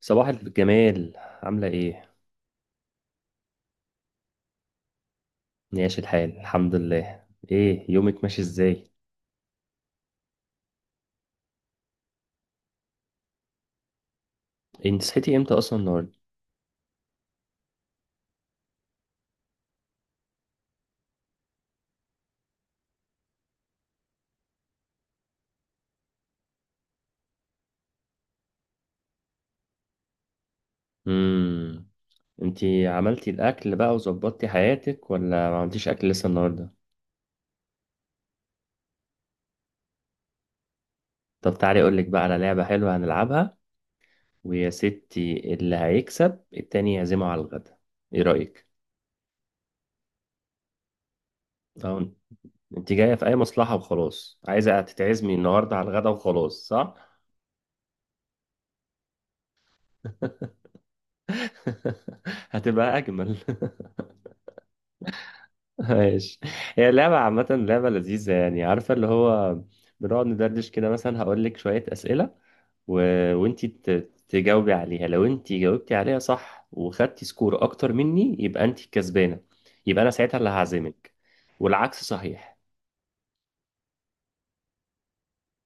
صباح الجمال، عاملة ايه؟ ماشي الحال، الحمد لله. ايه يومك ماشي ازاي؟ إيه، انت صحيتي امتى اصلا النهاردة؟ امم. انتي عملتي الاكل بقى وظبطتي حياتك ولا ما عملتيش اكل لسه النهاردة؟ طب تعالي اقولك بقى على لعبة حلوة هنلعبها، ويا ستي اللي هيكسب التاني يعزمه على الغدا. ايه رأيك؟ اه، انت جاية في اي مصلحة وخلاص عايزة تتعزمي النهاردة على الغدا وخلاص صح؟ هتبقى اجمل. ماشي. هي اللعبة عامة لعبة لذيذة، يعني عارفة اللي هو، بنقعد ندردش كده، مثلا هقول لك شوية أسئلة و... وانتي ت... تجاوبي عليها. لو انتي جاوبتي عليها صح وخدتي سكور أكتر مني يبقى انتي الكسبانة، يبقى أنا ساعتها اللي هعزمك، والعكس صحيح.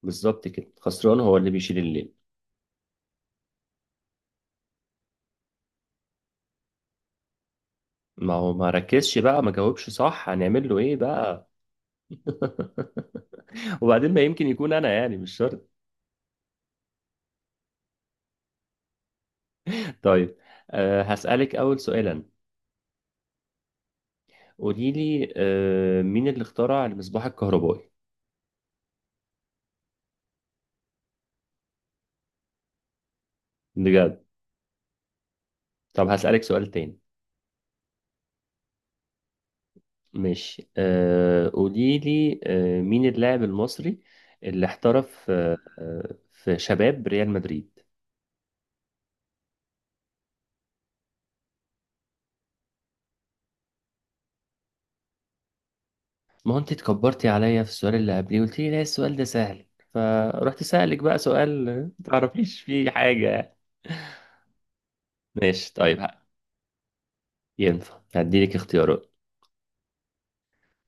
بالظبط كده، خسران هو اللي بيشيل الليل. ما هو ما ركزش بقى، ما جاوبش صح، هنعمل له ايه بقى؟ وبعدين ما يمكن يكون انا، يعني مش شرط. طيب، هسألك أول سؤالا. قولي لي مين اللي اخترع المصباح الكهربائي؟ بجد. طب هسألك سؤال تاني. ماشي، قولي لي مين اللاعب المصري اللي احترف في شباب ريال مدريد؟ ما هو انت اتكبرتي عليا في السؤال اللي قبليه، قلت لي لا السؤال ده سهل، فرحت سألك بقى سؤال ما تعرفيش فيه حاجة. ماشي طيب. ينفع، هديلك اختيارات.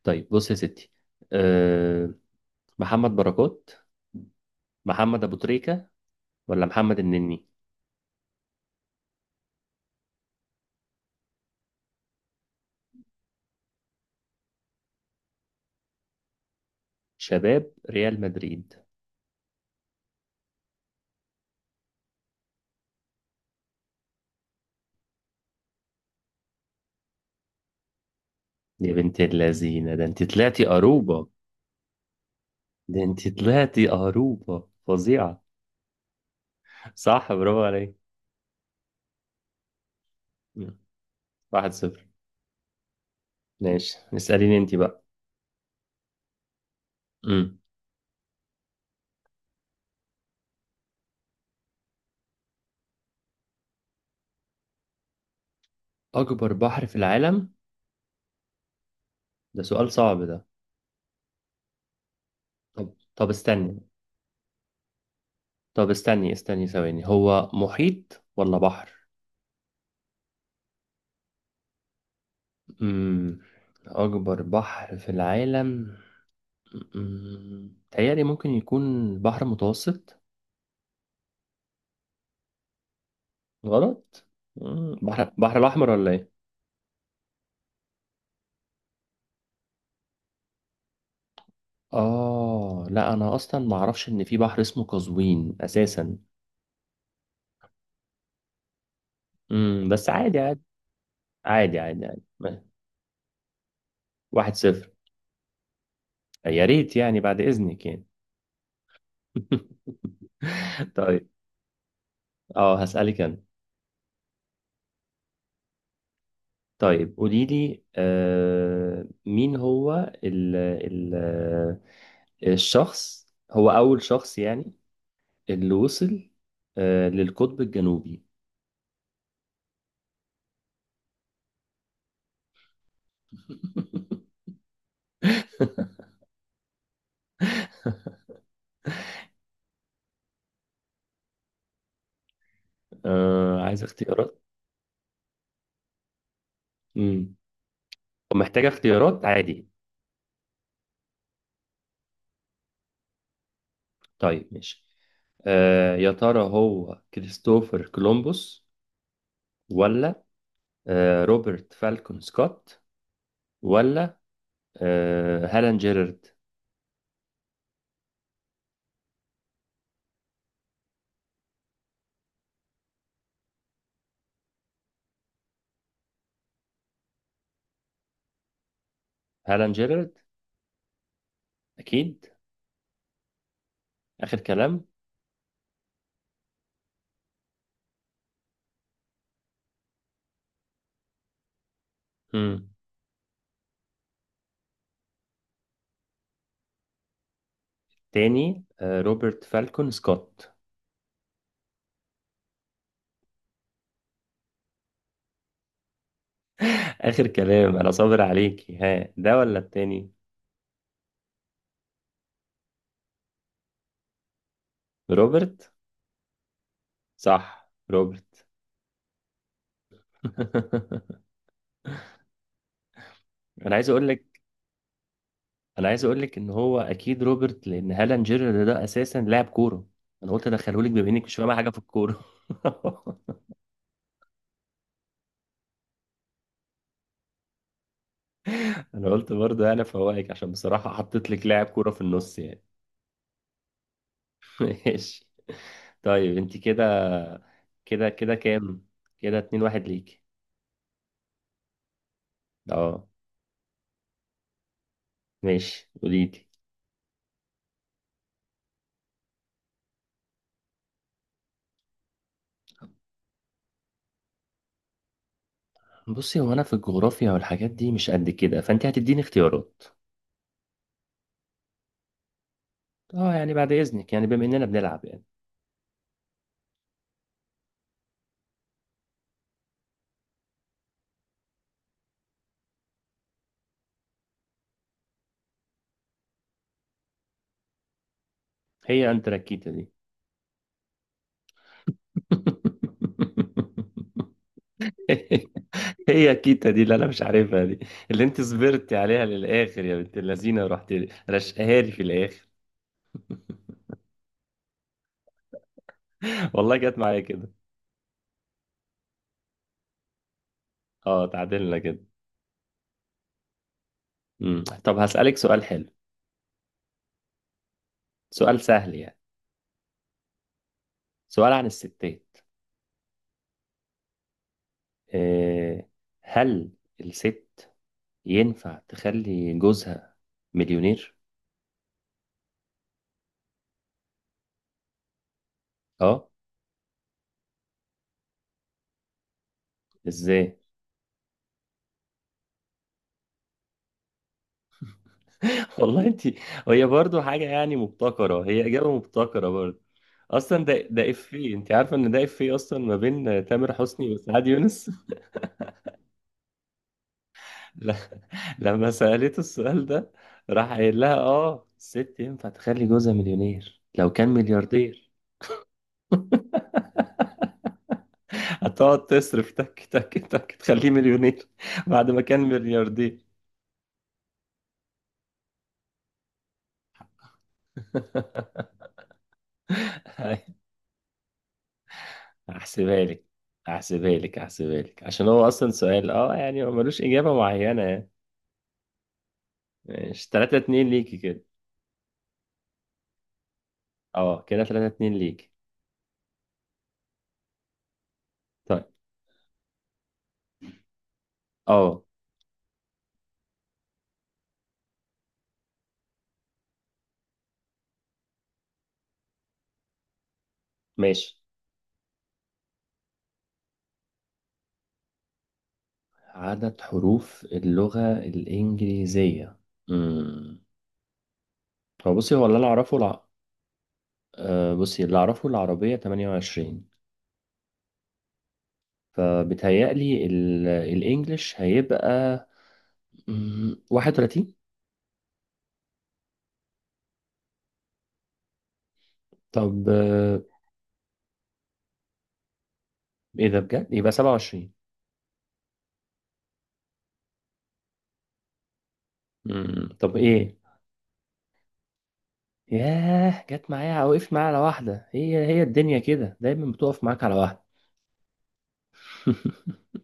طيب بص يا ستي. أه محمد بركات، محمد ابو تريكة، ولا محمد النني؟ شباب ريال مدريد. يا بنت اللذينة، ده انت طلعتي قروبة، ده انت طلعتي قروبة فظيعة. صح برافو عليك. مم. 1-0. ماشي، اسأليني انت بقى. مم. أكبر بحر في العالم. ده سؤال صعب ده. طب استني. طب استني استني ثواني، هو محيط ولا بحر؟ مم. أكبر بحر في العالم. تهيألي ممكن يكون بحر متوسط. غلط. بحر، بحر الأحمر ولا إيه؟ لا أنا أصلا ما أعرفش إن في بحر اسمه قزوين أساسا. مم. بس عادي عادي عادي عادي عادي. 1-0. يا ريت يعني بعد إذنك يعني. طيب، اه هسألك انا. طيب قولي لي مين هو ال ال آه، الشخص، هو أول شخص، يعني اللي وصل للقطب الجنوبي. عايز اختيارات. مم. ومحتاجة اختيارات عادي. طيب ماشي. يا ترى هو كريستوفر كولومبوس، ولا روبرت فالكون سكوت، ولا هالان جيرارد؟ هالان جيرارد؟ أكيد؟ آخر كلام. مم. تاني روبرت فالكون سكوت. آخر كلام، أنا صابر عليكي، ها ده ولا التاني؟ روبرت. صح روبرت. أنا عايز أقول لك، انا عايز اقول لك ان هو اكيد روبرت لان هالان جيرر ده اساسا لاعب كوره، انا قلت ادخله لك بما انك مش فاهمه حاجه في الكوره. انا قلت برضه انا فوائك عشان بصراحه حطيت لك لاعب كوره في النص يعني. ماشي. طيب انت كده كام؟ كده 2-1 ليك. اه. ماشي قولي لي. بصي، هو انا في الجغرافيا والحاجات دي مش قد كده، فانت هتديني اختيارات. اه يعني بعد اذنك يعني، بما اننا بنلعب يعني. هي انتراكيتا دي؟ هي كيتا دي اللي انا مش عارفها دي، اللي انت صبرتي عليها للاخر يا بنت اللذينه، رحت رشقها لي في الاخر. والله جت معايا كده. اه، تعادلنا كده. طب هسألك سؤال حلو، سؤال سهل يعني، سؤال عن الستات. إيه، هل الست ينفع تخلي جوزها مليونير؟ اه. ازاي؟ والله انت، هي برضو حاجة يعني مبتكرة، هي إجابة مبتكرة برضو. أصلا ده إفيه، انت عارفة إن ده إفيه أصلا ما بين تامر حسني وسعاد يونس؟ ل- لما سألته السؤال ده، راح قايل لها الست ينفع تخلي جوزها مليونير لو كان ملياردير. هتقعد تصرف تك تك تك تخليه مليونير بعد ما كان ملياردير. هحسبها لك هحسبها لك عشان هو أصلا سؤال، يعني هو ملوش إجابة معينة. ماشي، 3-2 ليكي كده. اه كده 3-2 ليكي. طيب، اه ماشي. عدد حروف اللغة الإنجليزية؟ امم. هو بصي، هو اللي أنا أعرفه بصي اللي أعرفه العربية 28، فبيتهيألي الإنجليش هيبقى 31. طب إيه ده بجد؟ يبقى 27. طب إيه؟ ياه جت معايا، وقفت معايا على واحدة، هي الدنيا كده دايما بتقف معاك على واحدة.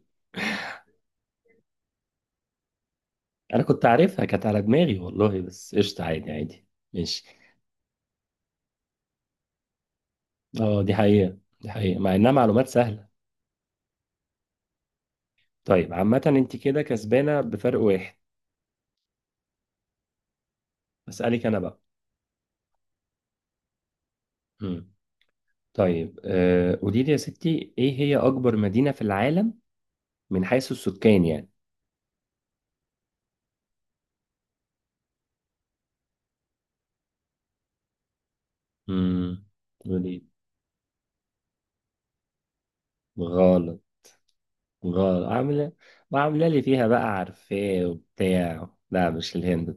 انا كنت عارفها كانت على دماغي والله، بس قشطة، عادي عادي. ماشي. اه دي حقيقة، دي حقيقة، مع انها معلومات سهلة. طيب، عامة انت كده كسبانة بفرق واحد. اسألك انا بقى. مم. طيب، قولي لي يا ستي ايه هي اكبر مدينة في العالم، من حيث السكان يعني. امم. قولي. غلط. غلط، عاملة وعاملة لي فيها بقى عارفاه وبتاع، لا مش الهند.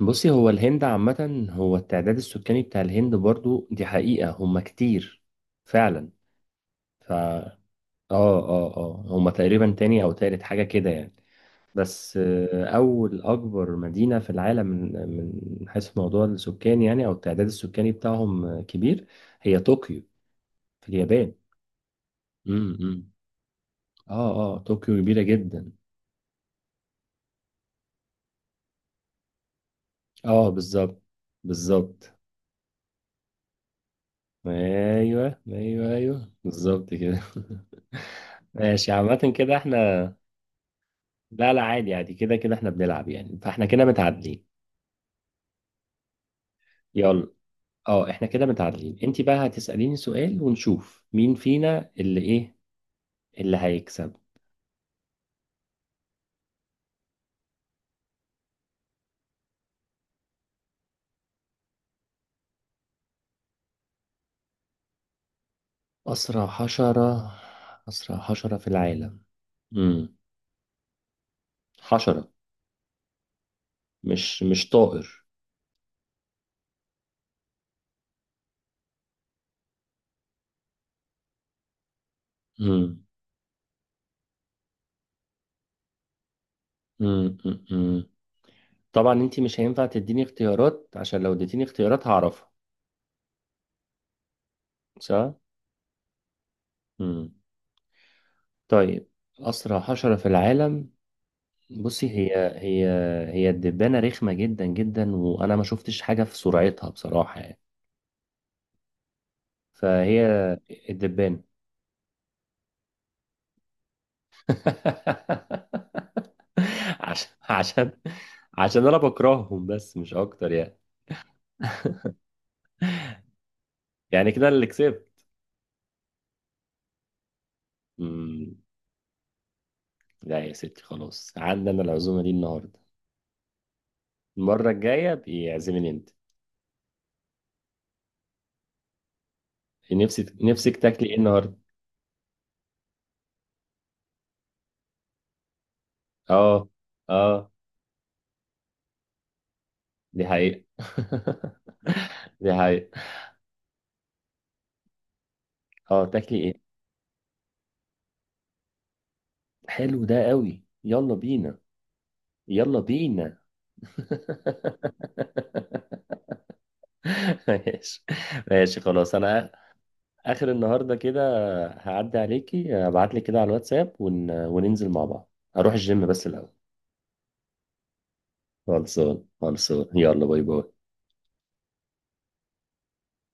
بصي، هو الهند عامة، هو التعداد السكاني بتاع الهند برضو دي حقيقة، هما كتير فعلا. ف اه هما تقريبا تاني او تالت حاجة كده يعني، بس أول أكبر مدينة في العالم، من حيث موضوع السكان يعني، أو التعداد السكاني بتاعهم كبير، هي طوكيو في اليابان. امم. اه طوكيو كبيرة جدا. اه بالظبط، بالظبط. ايوه ايوه ايوه بالظبط كده. ماشي، عامة كده احنا، لا لا، عادي عادي، كده كده احنا بنلعب يعني، فاحنا كده متعادلين. يلا، اه احنا كده متعادلين، انت بقى هتسأليني سؤال، ونشوف مين فينا اللي ايه، اللي هيكسب. اسرع حشرة، اسرع حشرة في العالم. امم. حشرة. مش طائر. امم امم امم. طبعا انت مش هينفع تديني اختيارات، عشان لو اديتيني اختيارات هعرفها. صح. امم. طيب. اسرع حشرة في العالم. بصي هي، هي هي الدبانة، رخمة جدا جدا، وأنا ما شفتش حاجة في سرعتها بصراحة يعني، فهي الدبانة. عشان عشان أنا بكرههم، بس مش أكتر يعني. يعني كده اللي كسبت. مم. لا يا ستي، خلاص عندنا العزومة دي النهاردة. المرة الجاية بيعزمني أنت. نفسك تاكلي إيه النهاردة؟ أه أه، دي حقيقة. دي حقيقة. تاكلي إيه؟ حلو ده قوي، يلا بينا. يلا بينا. ماشي. ماشي خلاص، انا اخر النهارده كده، هعدي عليكي ابعت لك كده على الواتساب وننزل مع بعض، هروح الجيم بس الاول. خلصان خلصان، يلا باي باي.